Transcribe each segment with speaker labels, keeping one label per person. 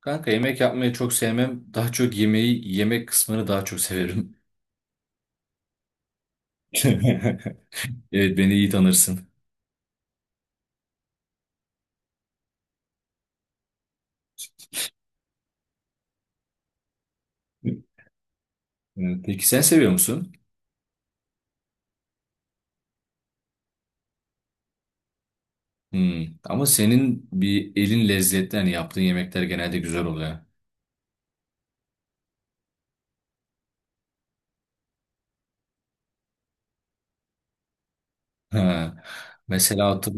Speaker 1: Kanka yemek yapmayı çok sevmem. Daha çok yemek kısmını daha çok severim. Evet, beni iyi tanırsın. Evet, peki sen seviyor musun? Hmm. Ama senin bir elin lezzetli, hani yaptığın yemekler genelde güzel oluyor. Ha. Mesela hatır-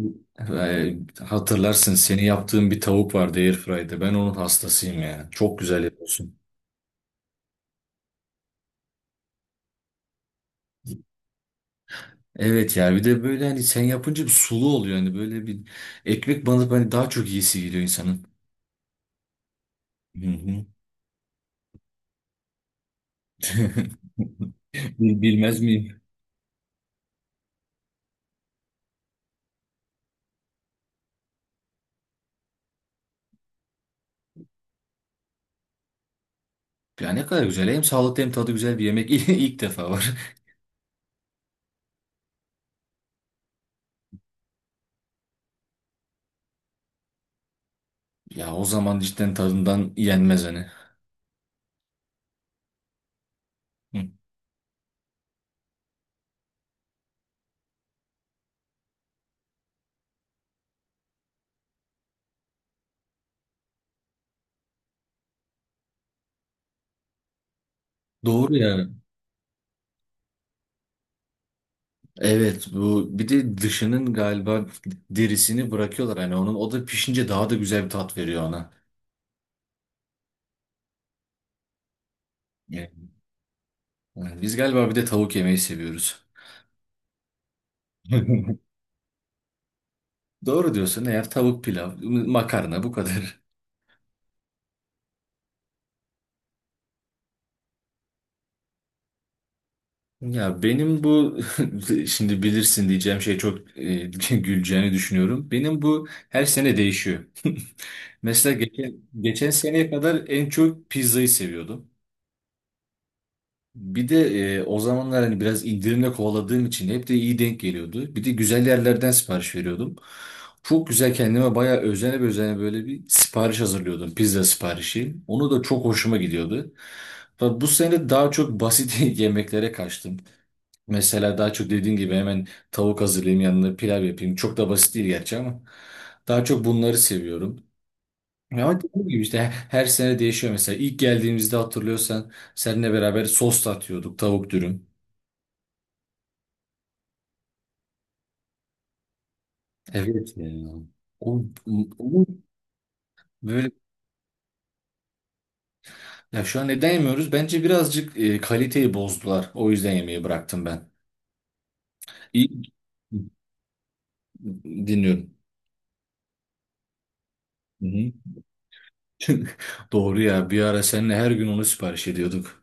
Speaker 1: e, hatırlarsın, seni yaptığın bir tavuk vardı Airfry'de. Ben onun hastasıyım ya. Çok güzel yapıyorsun. Evet ya, bir de böyle hani sen yapınca bir sulu oluyor. Hani böyle bir ekmek banıp hani daha çok iyisi geliyor insanın. Hı hı. Bilmez miyim? Ya ne kadar güzel. Hem sağlıklı hem tadı güzel bir yemek, ilk defa var. Ya o zaman cidden tadından yenmez hani. Hı. Doğru ya. Evet, bu bir de dışının galiba derisini bırakıyorlar, hani onun o da pişince daha da güzel bir tat veriyor ona. Evet. Yani biz galiba bir de tavuk yemeyi seviyoruz. Doğru diyorsun, eğer tavuk, pilav, makarna, bu kadar. Ya benim bu şimdi bilirsin diyeceğim şey çok güleceğini düşünüyorum. Benim bu her sene değişiyor. Mesela geçen seneye kadar en çok pizzayı seviyordum. Bir de o zamanlar hani biraz indirimle kovaladığım için hep de iyi denk geliyordu. Bir de güzel yerlerden sipariş veriyordum. Çok güzel, kendime bayağı özene özene böyle bir sipariş hazırlıyordum. Pizza siparişi. Onu da çok hoşuma gidiyordu. Fakat bu sene daha çok basit yemeklere kaçtım. Mesela daha çok dediğin gibi hemen tavuk hazırlayayım, yanına pilav yapayım. Çok da basit değil gerçi ama daha çok bunları seviyorum. Ama dediğim gibi işte her sene değişiyor mesela. İlk geldiğimizde hatırlıyorsan seninle beraber sos da atıyorduk, tavuk dürüm. Evet ya. O, o böyle, ya şu an neden yemiyoruz? Bence birazcık kaliteyi bozdular. O yüzden yemeği bıraktım ben. İyi dinliyorum. Hı hı. Doğru ya, bir ara seninle her gün onu sipariş ediyorduk.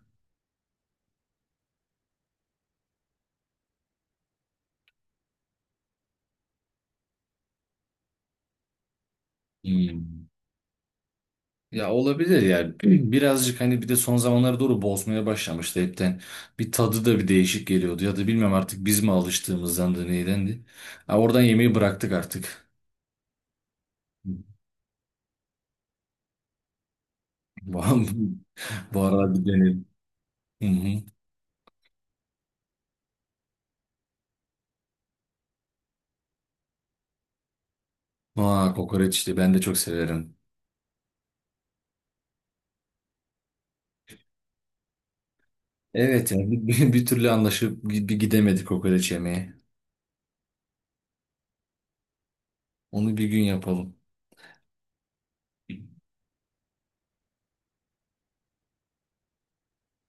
Speaker 1: Hmm. Ya olabilir yani. Birazcık hani bir de son zamanlara doğru bozmaya başlamıştı hepten. Bir tadı da bir değişik geliyordu ya da bilmem artık biz mi alıştığımızdan da neydendi. Ha, oradan yemeği bıraktık artık. Bu bu arada bir deneyelim. Hı hı. Aa, kokoreç işte ben de çok severim. Evet yani bir türlü anlaşıp bir gidemedik kokoreç yemeye. Onu bir gün yapalım.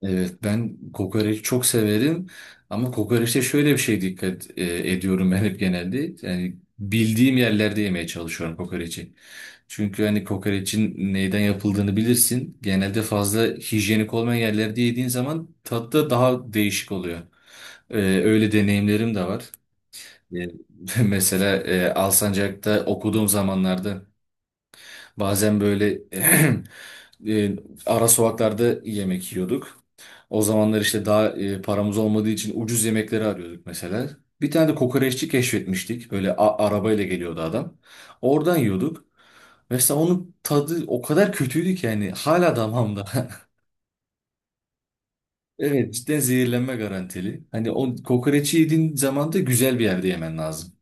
Speaker 1: Evet, ben kokoreç çok severim ama kokoreçte şöyle bir şey dikkat ediyorum ben hep genelde. Yani bildiğim yerlerde yemeye çalışıyorum kokoreçi. Çünkü hani kokoreçin neyden yapıldığını bilirsin. Genelde fazla hijyenik olmayan yerlerde yediğin zaman tadı da daha değişik oluyor. Öyle deneyimlerim de var. E, mesela Alsancak'ta okuduğum zamanlarda bazen böyle e, ara sokaklarda yemek yiyorduk. O zamanlar işte daha paramız olmadığı için ucuz yemekleri arıyorduk mesela. Bir tane de kokoreççi keşfetmiştik. Böyle arabayla geliyordu adam. Oradan yiyorduk. Mesela onun tadı o kadar kötüydü ki, yani hala damağımda. Evet, cidden zehirlenme garantili. Hani o kokoreçi yediğin zaman da güzel bir yerde yemen lazım.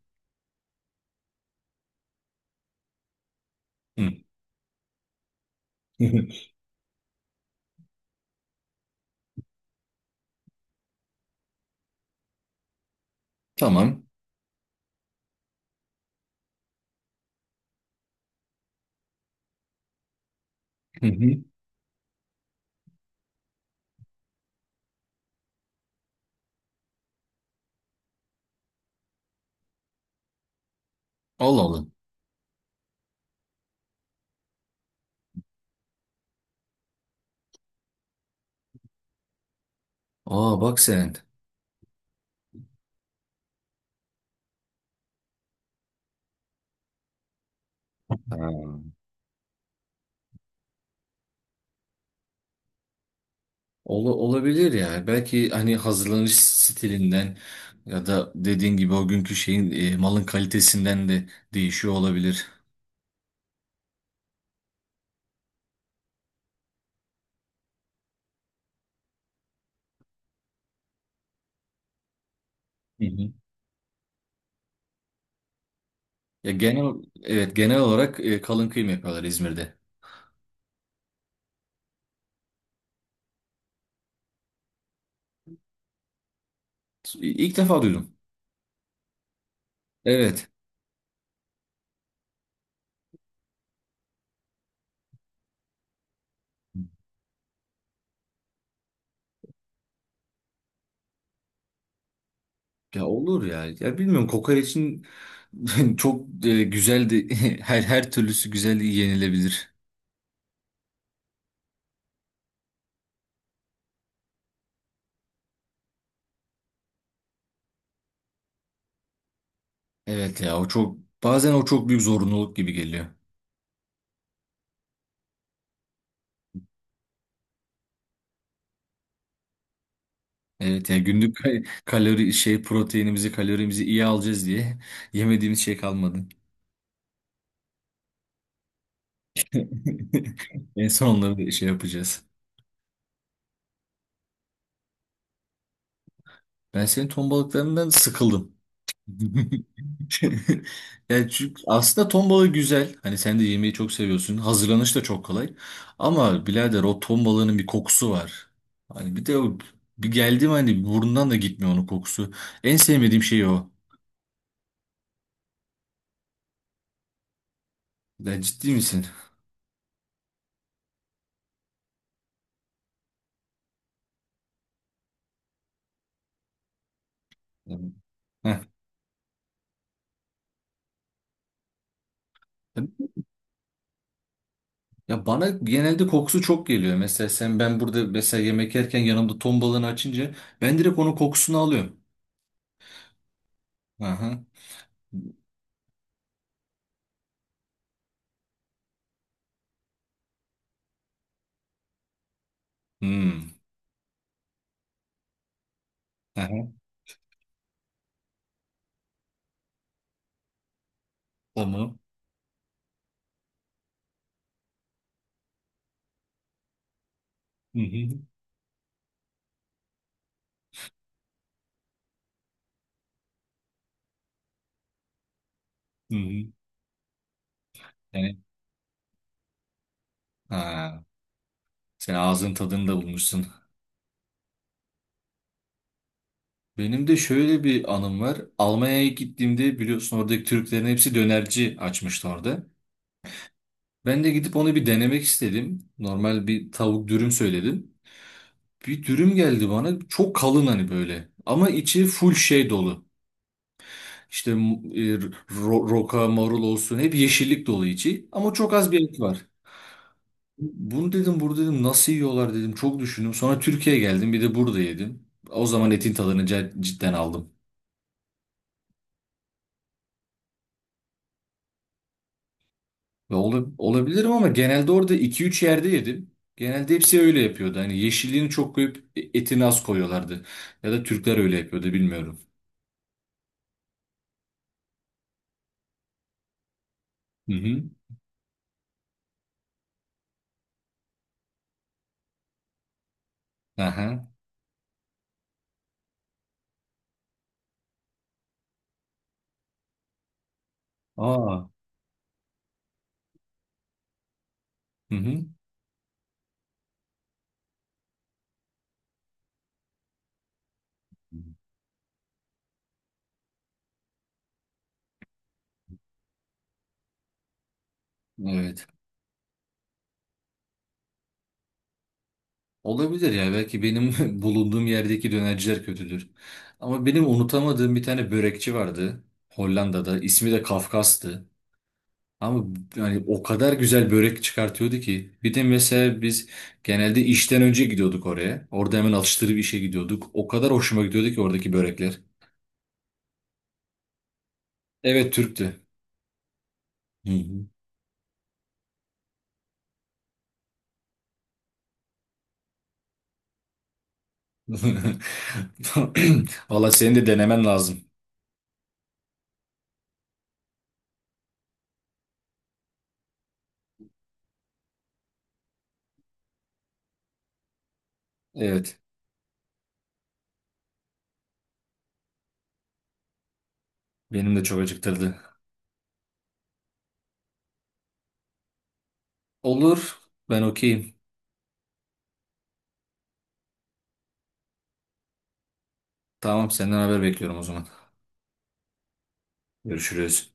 Speaker 1: Hı. Tamam. Hı hı. Allah Allah. Aa, bak sen. Ha. Olabilir yani. Belki hani hazırlanış stilinden ya da dediğin gibi o günkü şeyin malın kalitesinden de değişiyor olabilir. Hı hı. Ya genel, evet, genel olarak kalın kıyım yapıyorlar İzmir'de. İlk defa duydum. Evet. Ya olur ya. Ya bilmiyorum, kokoreçin çok güzel de her türlüsü güzel yenilebilir. Evet ya, o çok bazen o çok büyük zorunluluk gibi geliyor. Evet yani günlük kalori, şey, proteinimizi, kalorimizi iyi alacağız diye yemediğimiz şey kalmadı. En son onları şey yapacağız. Ben senin ton balıklarından sıkıldım. Yani çünkü aslında ton balığı güzel. Hani sen de yemeği çok seviyorsun. Hazırlanış da çok kolay. Ama birader, o ton balığının bir kokusu var. Hani bir de o bir geldim hani burnundan da gitmiyor onun kokusu. En sevmediğim şey o. Ya ciddi misin? Evet. Heh. Ya bana genelde kokusu çok geliyor. Mesela sen, ben burada mesela yemek yerken yanımda ton balığını açınca ben direkt onun kokusunu alıyorum. Aha. Hmm. Aha. Tamam. Hı hı. Hı hı. Yani ha. Sen ağzın tadını da bulmuşsun. Benim de şöyle bir anım var. Almanya'ya gittiğimde biliyorsun, oradaki Türklerin hepsi dönerci açmıştı orada. Ben de gidip onu bir denemek istedim. Normal bir tavuk dürüm söyledim. Bir dürüm geldi bana. Çok kalın hani böyle. Ama içi full şey dolu. İşte roka, marul olsun hep yeşillik dolu içi ama çok az bir et var. Bunu dedim, burada dedim nasıl yiyorlar dedim, çok düşündüm. Sonra Türkiye'ye geldim, bir de burada yedim. O zaman etin tadını cidden aldım. Ve olabilirim ama genelde orada iki üç yerde yedim. Genelde hepsi öyle yapıyordu. Hani yeşilliğini çok koyup etini az koyuyorlardı. Ya da Türkler öyle yapıyordu bilmiyorum. Hı hı. Aha. Aa. Hı hı. Evet. Olabilir ya, belki benim bulunduğum yerdeki dönerciler kötüdür. Ama benim unutamadığım bir tane börekçi vardı Hollanda'da. İsmi de Kafkas'tı. Ama yani o kadar güzel börek çıkartıyordu ki. Bir de mesela biz genelde işten önce gidiyorduk oraya. Orada hemen atıştırıp işe gidiyorduk. O kadar hoşuma gidiyordu ki oradaki börekler. Evet, Türk'tü. Hı hı. Valla, senin de denemen lazım. Evet, benim de çok acıktırdı. Olur, ben okeyim. Tamam, senden haber bekliyorum o zaman. Görüşürüz.